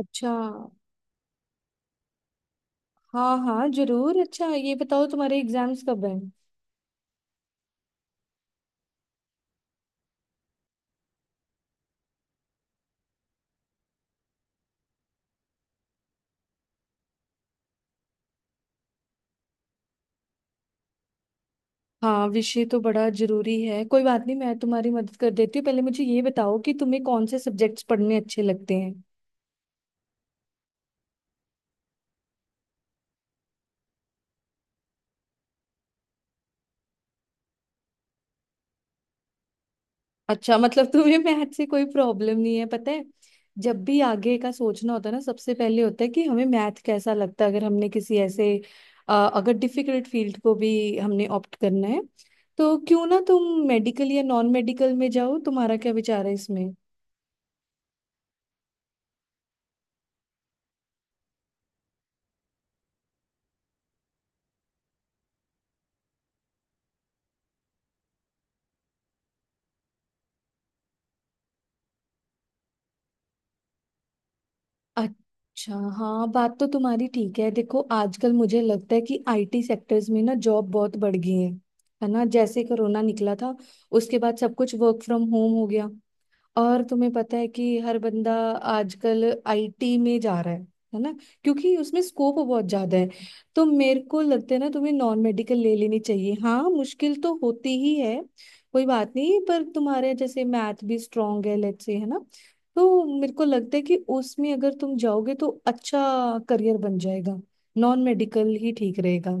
अच्छा। हाँ हाँ जरूर। अच्छा ये बताओ तुम्हारे एग्जाम्स कब हैं। हाँ विषय तो बड़ा जरूरी है। कोई बात नहीं, मैं तुम्हारी मदद कर देती हूँ। पहले मुझे ये बताओ कि तुम्हें कौन से सब्जेक्ट्स पढ़ने अच्छे लगते हैं। अच्छा मतलब तुम्हें मैथ से कोई प्रॉब्लम नहीं है। पता है, जब भी आगे का सोचना होता है ना, सबसे पहले होता है कि हमें मैथ कैसा लगता है। अगर हमने किसी ऐसे अगर डिफिकल्ट फील्ड को भी हमने ऑप्ट करना है तो क्यों ना तुम मेडिकल या नॉन मेडिकल में जाओ। तुम्हारा क्या विचार है इसमें। अच्छा हाँ बात तो तुम्हारी ठीक है। देखो आजकल मुझे लगता है कि आईटी सेक्टर्स में ना जॉब बहुत बढ़ गई है। है ना, जैसे कोरोना निकला था, उसके बाद सब कुछ वर्क फ्रॉम होम हो गया। और तुम्हें पता है कि हर बंदा आजकल आईटी में जा रहा है। है ना, क्योंकि उसमें स्कोप बहुत ज्यादा है। तो मेरे को लगता है ना, तुम्हें नॉन मेडिकल ले लेनी चाहिए। हाँ मुश्किल तो होती ही है, कोई बात नहीं, पर तुम्हारे जैसे मैथ भी स्ट्रांग है, लेट्स से, है ना। तो मेरे को लगता है कि उसमें अगर तुम जाओगे तो अच्छा करियर बन जाएगा। नॉन मेडिकल ही ठीक रहेगा।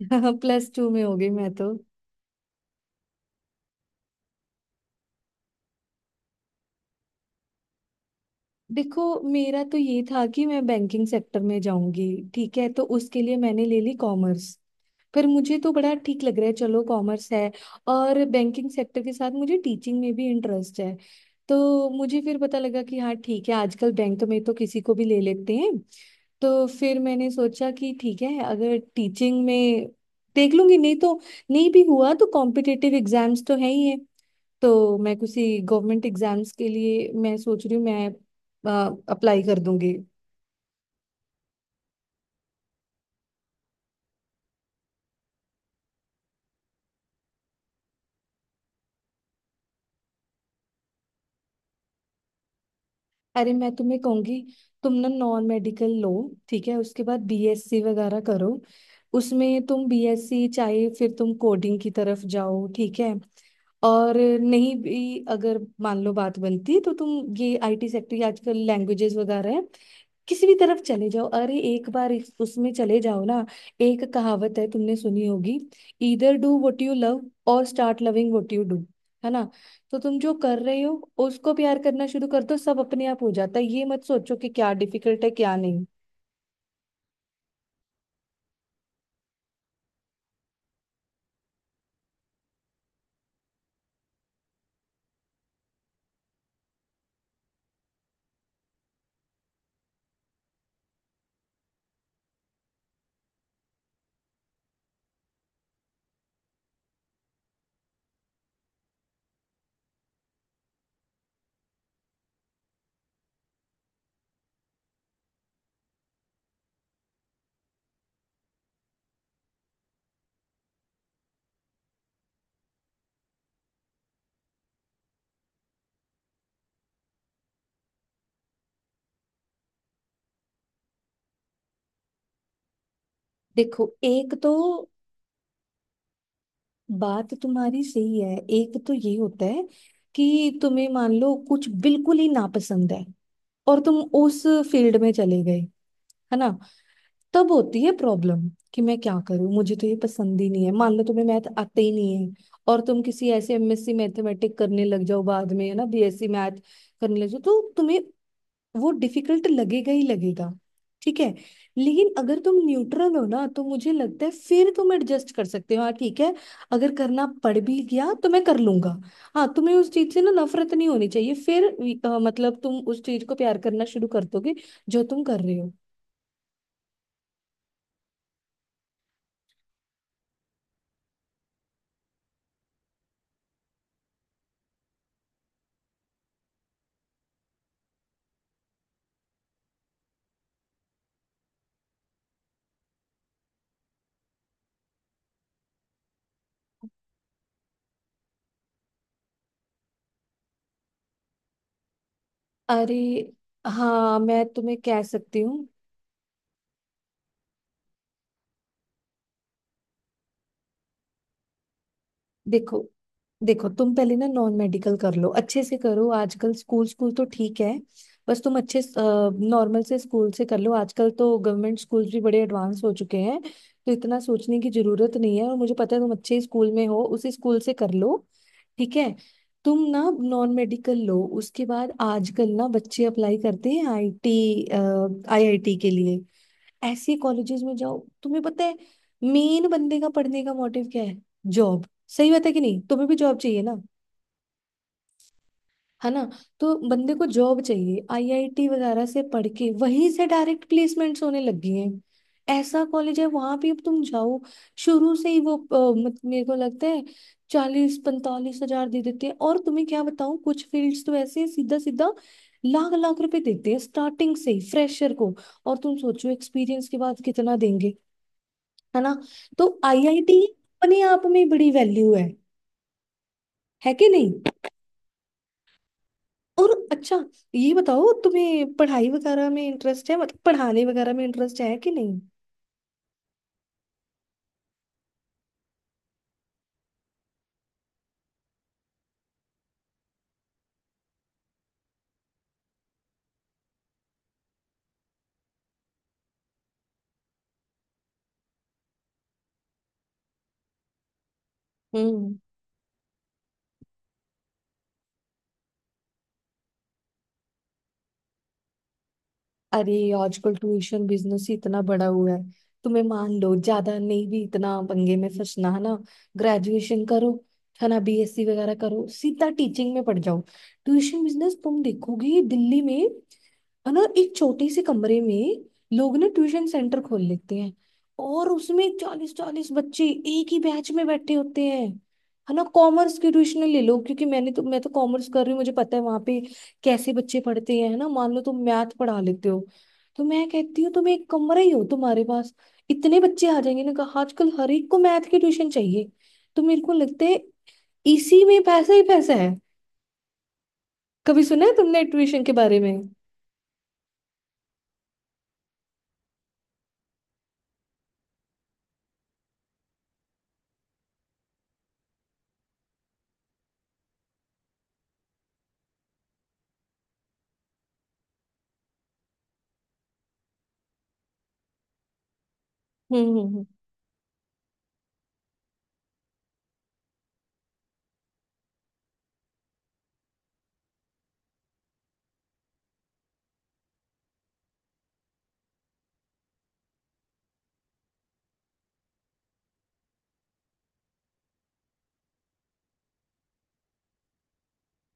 प्लस टू में हो गई मैं तो। देखो मेरा तो ये था कि मैं बैंकिंग सेक्टर में जाऊंगी। ठीक है, तो उसके लिए मैंने ले ली कॉमर्स। फिर मुझे तो बड़ा ठीक लग रहा है, चलो कॉमर्स है। और बैंकिंग सेक्टर के साथ मुझे टीचिंग में भी इंटरेस्ट है। तो मुझे फिर पता लगा कि हाँ ठीक है, आजकल बैंक में तो किसी को भी ले लेते हैं। तो फिर मैंने सोचा कि ठीक है अगर टीचिंग में देख लूंगी, नहीं तो, नहीं भी हुआ तो कॉम्पिटिटिव एग्जाम्स तो है ही है। तो मैं किसी गवर्नमेंट एग्जाम्स के लिए मैं सोच रही हूँ, मैं अप्लाई कर दूंगी। अरे मैं तुम्हें कहूंगी, तुम ना नॉन मेडिकल लो। ठीक है, उसके बाद बीएससी वगैरह करो। उसमें तुम बीएससी चाहे, फिर तुम कोडिंग की तरफ जाओ। ठीक है, और नहीं भी अगर मान लो बात बनती, तो तुम ये आईटी सेक्टर आजकल लैंग्वेजेस वगैरह है, किसी भी तरफ चले जाओ। अरे एक बार इस उसमें चले जाओ ना। एक कहावत है, तुमने सुनी होगी, either do what you love और start loving what you do. है ना, तो तुम जो कर रहे हो उसको प्यार करना शुरू कर दो, सब अपने आप हो जाता है। ये मत सोचो कि क्या डिफिकल्ट है क्या नहीं। देखो एक तो बात तुम्हारी सही है। एक तो ये होता है कि तुम्हें मान लो कुछ बिल्कुल ही नापसंद है, और तुम उस फील्ड में चले गए, है ना, तब होती है प्रॉब्लम, कि मैं क्या करूं, मुझे तो ये पसंद ही नहीं है। मान लो तुम्हें मैथ आते ही नहीं है, और तुम किसी ऐसे एमएससी मैथमेटिक करने लग जाओ बाद में, है ना, बीएससी मैथ करने लग जाओ, तो तुम्हें वो डिफिकल्ट लगेगा ही लगेगा। ठीक है, लेकिन अगर तुम न्यूट्रल हो ना, तो मुझे लगता है फिर तुम एडजस्ट कर सकते हो। हाँ ठीक है, अगर करना पड़ भी गया तो मैं कर लूंगा। हाँ तुम्हें उस चीज से ना नफरत नहीं होनी चाहिए फिर। मतलब तुम उस चीज को प्यार करना शुरू कर दोगे जो तुम कर रहे हो। अरे हाँ मैं तुम्हें कह सकती हूँ। देखो देखो तुम पहले ना नॉन मेडिकल कर लो, अच्छे से करो। आजकल स्कूल, स्कूल तो ठीक है, बस तुम अच्छे नॉर्मल से स्कूल से कर लो। आजकल तो गवर्नमेंट स्कूल भी बड़े एडवांस हो चुके हैं, तो इतना सोचने की जरूरत नहीं है। और मुझे पता है तुम अच्छे स्कूल में हो, उसी स्कूल से कर लो। ठीक है, तुम ना नॉन मेडिकल लो। उसके बाद आजकल ना बच्चे अप्लाई करते हैं आईटी आईआईटी के लिए, ऐसे कॉलेजेस में जाओ। तुम्हें पता है मेन बंदे का पढ़ने का मोटिव क्या है, जॉब। सही बात है कि नहीं, तुम्हें भी जॉब चाहिए ना। है ना, तो बंदे को जॉब चाहिए। आईआईटी वगैरह से पढ़ के वहीं से डायरेक्ट प्लेसमेंट्स होने लग गई हैं। ऐसा कॉलेज है, वहां भी अब तुम जाओ। शुरू से ही वो मेरे को लगता है 40-45 हजार दे देते हैं। और तुम्हें क्या बताऊं, कुछ फील्ड्स तो ऐसे सीधा सीधा लाख लाख रुपए देते हैं स्टार्टिंग से ही फ्रेशर को। और तुम सोचो एक्सपीरियंस के बाद कितना देंगे। है ना, तो आईआईटी अपने आप में बड़ी वैल्यू है कि नहीं। और अच्छा ये बताओ तुम्हें पढ़ाई वगैरह में इंटरेस्ट है, मतलब पढ़ाने वगैरह में इंटरेस्ट है कि नहीं। हम्म, अरे आजकल ट्यूशन बिजनेस ही इतना बड़ा हुआ है। तुम्हें मान लो ज्यादा नहीं भी इतना पंगे में फंसना, है ना, ग्रेजुएशन करो, है ना, बीएससी वगैरह करो, सीधा टीचिंग में पड़ जाओ। ट्यूशन बिजनेस तुम देखोगे दिल्ली में, है ना, एक छोटे से कमरे में लोग ना ट्यूशन सेंटर खोल लेते हैं, और उसमें 40-40 बच्चे एक ही बैच में बैठे होते हैं। है ना, कॉमर्स के ट्यूशन ले लो, क्योंकि मैं तो कॉमर्स कर रही हूँ, मुझे पता है वहां पे कैसे बच्चे पढ़ते हैं। है ना, मान लो तुम मैथ पढ़ा लेते हो, तो मैं कहती हूँ तुम एक कमरा ही हो तुम्हारे पास, इतने बच्चे आ जाएंगे ना। कहा आजकल हर एक को मैथ की ट्यूशन चाहिए। तो मेरे को लगता है इसी में पैसा ही पैसा है। कभी सुना है तुमने ट्यूशन के बारे में। हम्म हम्म हम्म,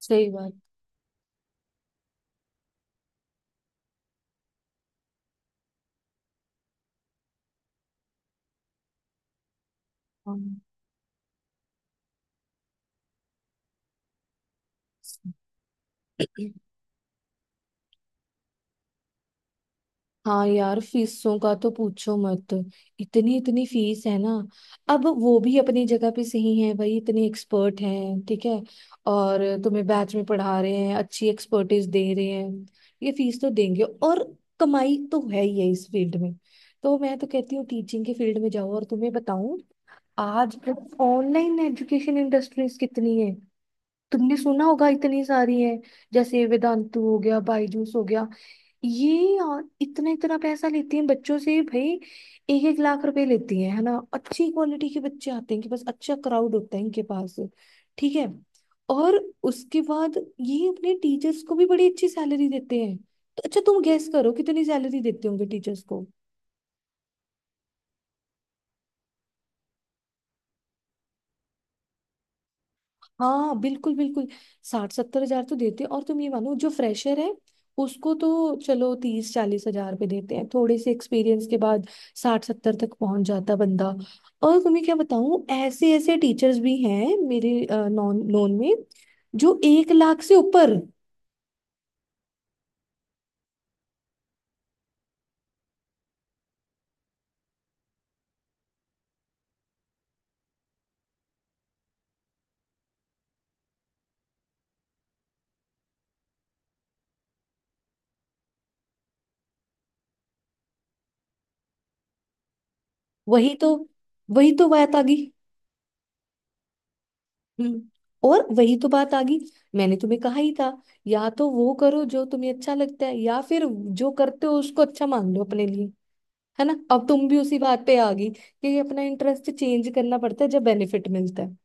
सही बात। हाँ हाँ यार फीसों का तो पूछो मत, इतनी इतनी फीस है ना। अब वो भी अपनी जगह पे सही है, भाई इतने एक्सपर्ट हैं। ठीक है, और तुम्हें बैच में पढ़ा रहे हैं, अच्छी एक्सपर्टीज दे रहे हैं, ये फीस तो देंगे। और कमाई तो है ही है इस फील्ड में। तो मैं तो कहती हूँ टीचिंग के फील्ड में जाओ। और तुम्हें बताऊं, आज ऑनलाइन एजुकेशन इंडस्ट्रीज कितनी है, तुमने सुना होगा, इतनी सारी है। जैसे वेदांतु हो गया, बायजूस हो गया, ये और इतना इतना पैसा लेती हैं बच्चों से, भाई 1-1 लाख रुपए लेती हैं। है ना, अच्छी क्वालिटी के बच्चे आते हैं कि बस, अच्छा क्राउड होता है इनके पास। ठीक है, और उसके बाद ये अपने टीचर्स को भी बड़ी अच्छी सैलरी देते हैं। तो अच्छा तुम गैस करो कितनी सैलरी देते होंगे टीचर्स को। हाँ बिल्कुल बिल्कुल, 60-70 हजार तो देते हैं। और तुम ये मानो जो फ्रेशर है उसको तो चलो 30-40 हजार पे देते हैं, थोड़े से एक्सपीरियंस के बाद 60-70 तक पहुंच जाता बंदा। और तुम्हें क्या बताऊं ऐसे ऐसे टीचर्स भी हैं मेरे नॉन नोन में जो 1 लाख से ऊपर। वही तो वही तो बात आ गई। हम्म, और वही तो बात आ गई। मैंने तुम्हें कहा ही था, या तो वो करो जो तुम्हें अच्छा लगता है, या फिर जो करते हो उसको अच्छा मान लो अपने। है ना, अब तुम भी उसी बात पे आ गई कि अपना इंटरेस्ट चेंज करना पड़ता है जब बेनिफिट मिलता है।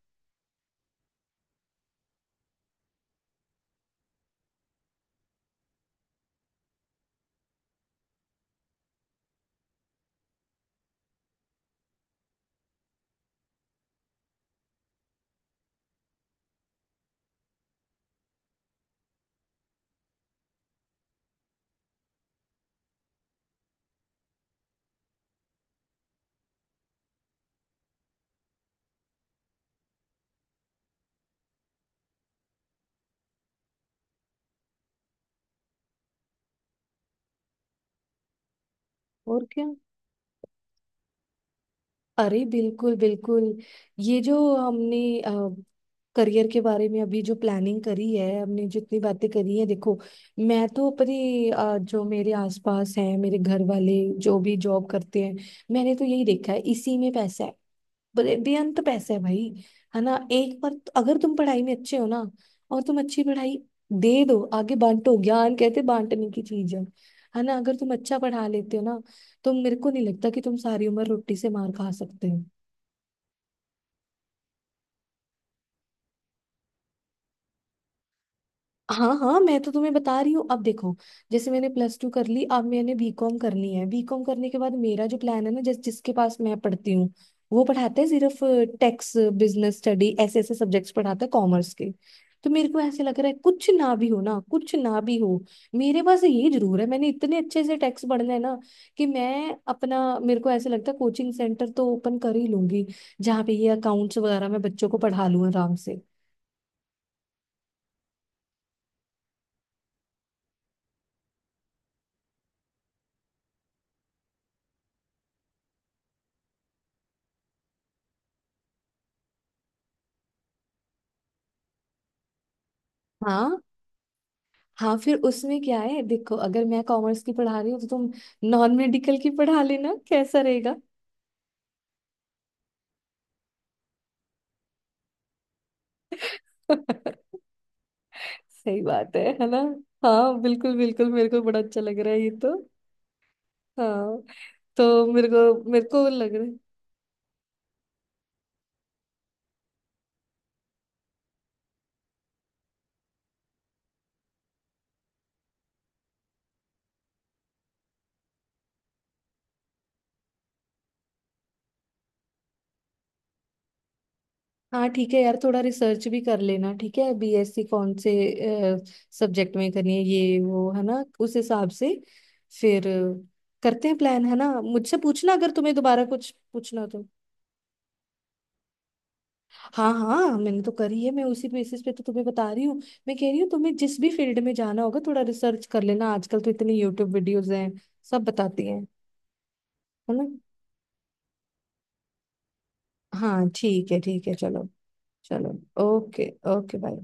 और क्या, अरे बिल्कुल बिल्कुल। ये जो हमने करियर के बारे में अभी जो प्लानिंग करी है, हमने जितनी बातें करी है, देखो मैं तो अपनी जो मेरे आसपास हैं मेरे घर वाले, जो भी जॉब करते हैं, मैंने तो यही देखा है, इसी में पैसा है। बेअंत पैसे हैं भाई, है ना। एक बार अगर तुम पढ़ाई में अच्छे हो ना, और तुम अच्छी पढ़ाई दे दो, आगे बांटो ज्ञान, कहते बांटने की चीज है। है ना, अगर तुम अच्छा पढ़ा लेते हो ना, तो मेरे को नहीं लगता कि तुम सारी उम्र रोटी से मार खा सकते हो। हाँ हाँ मैं तो तुम्हें बता रही हूँ। अब देखो जैसे मैंने प्लस टू कर ली, अब मैंने बीकॉम करनी है। बीकॉम करने के बाद मेरा जो प्लान है ना, जिसके पास मैं पढ़ती हूँ, वो पढ़ाते हैं सिर्फ टैक्स, बिजनेस स्टडी, ऐसे ऐसे सब्जेक्ट्स पढ़ाता है कॉमर्स के। तो मेरे को ऐसे लग रहा है कुछ ना भी हो ना, कुछ ना भी हो, मेरे पास ये जरूर है मैंने इतने अच्छे से टैक्स पढ़ना है ना, कि मैं अपना, मेरे को ऐसे लगता है कोचिंग सेंटर तो ओपन कर ही लूंगी, जहाँ पे ये अकाउंट्स वगैरह मैं बच्चों को पढ़ा लूँ आराम से। हाँ हाँ, फिर उसमें क्या है, देखो अगर मैं कॉमर्स की पढ़ा रही हूँ, तो तुम नॉन मेडिकल की पढ़ा लेना, कैसा रहेगा। सही बात है ना। हाँ बिल्कुल बिल्कुल, मेरे को बड़ा अच्छा लग रहा है ये तो। हाँ, तो मेरे को लग रहा है। हाँ ठीक है यार, थोड़ा रिसर्च भी कर लेना, ठीक है। बीएससी कौन से सब्जेक्ट में करनी है, ये वो है ना, उस हिसाब से फिर करते हैं प्लान। है ना, मुझसे पूछना अगर तुम्हें दोबारा कुछ पूछना। हाँ हाँ मैंने तो करी है, मैं उसी बेसिस पे तो तुम्हें बता रही हूँ। मैं कह रही हूँ तुम्हें जिस भी फील्ड में जाना होगा, थोड़ा रिसर्च कर लेना। आजकल तो इतनी यूट्यूब वीडियोस हैं, सब बताती हैं। है ना, हाँ ठीक है चलो। चलो ओके। Okay bye.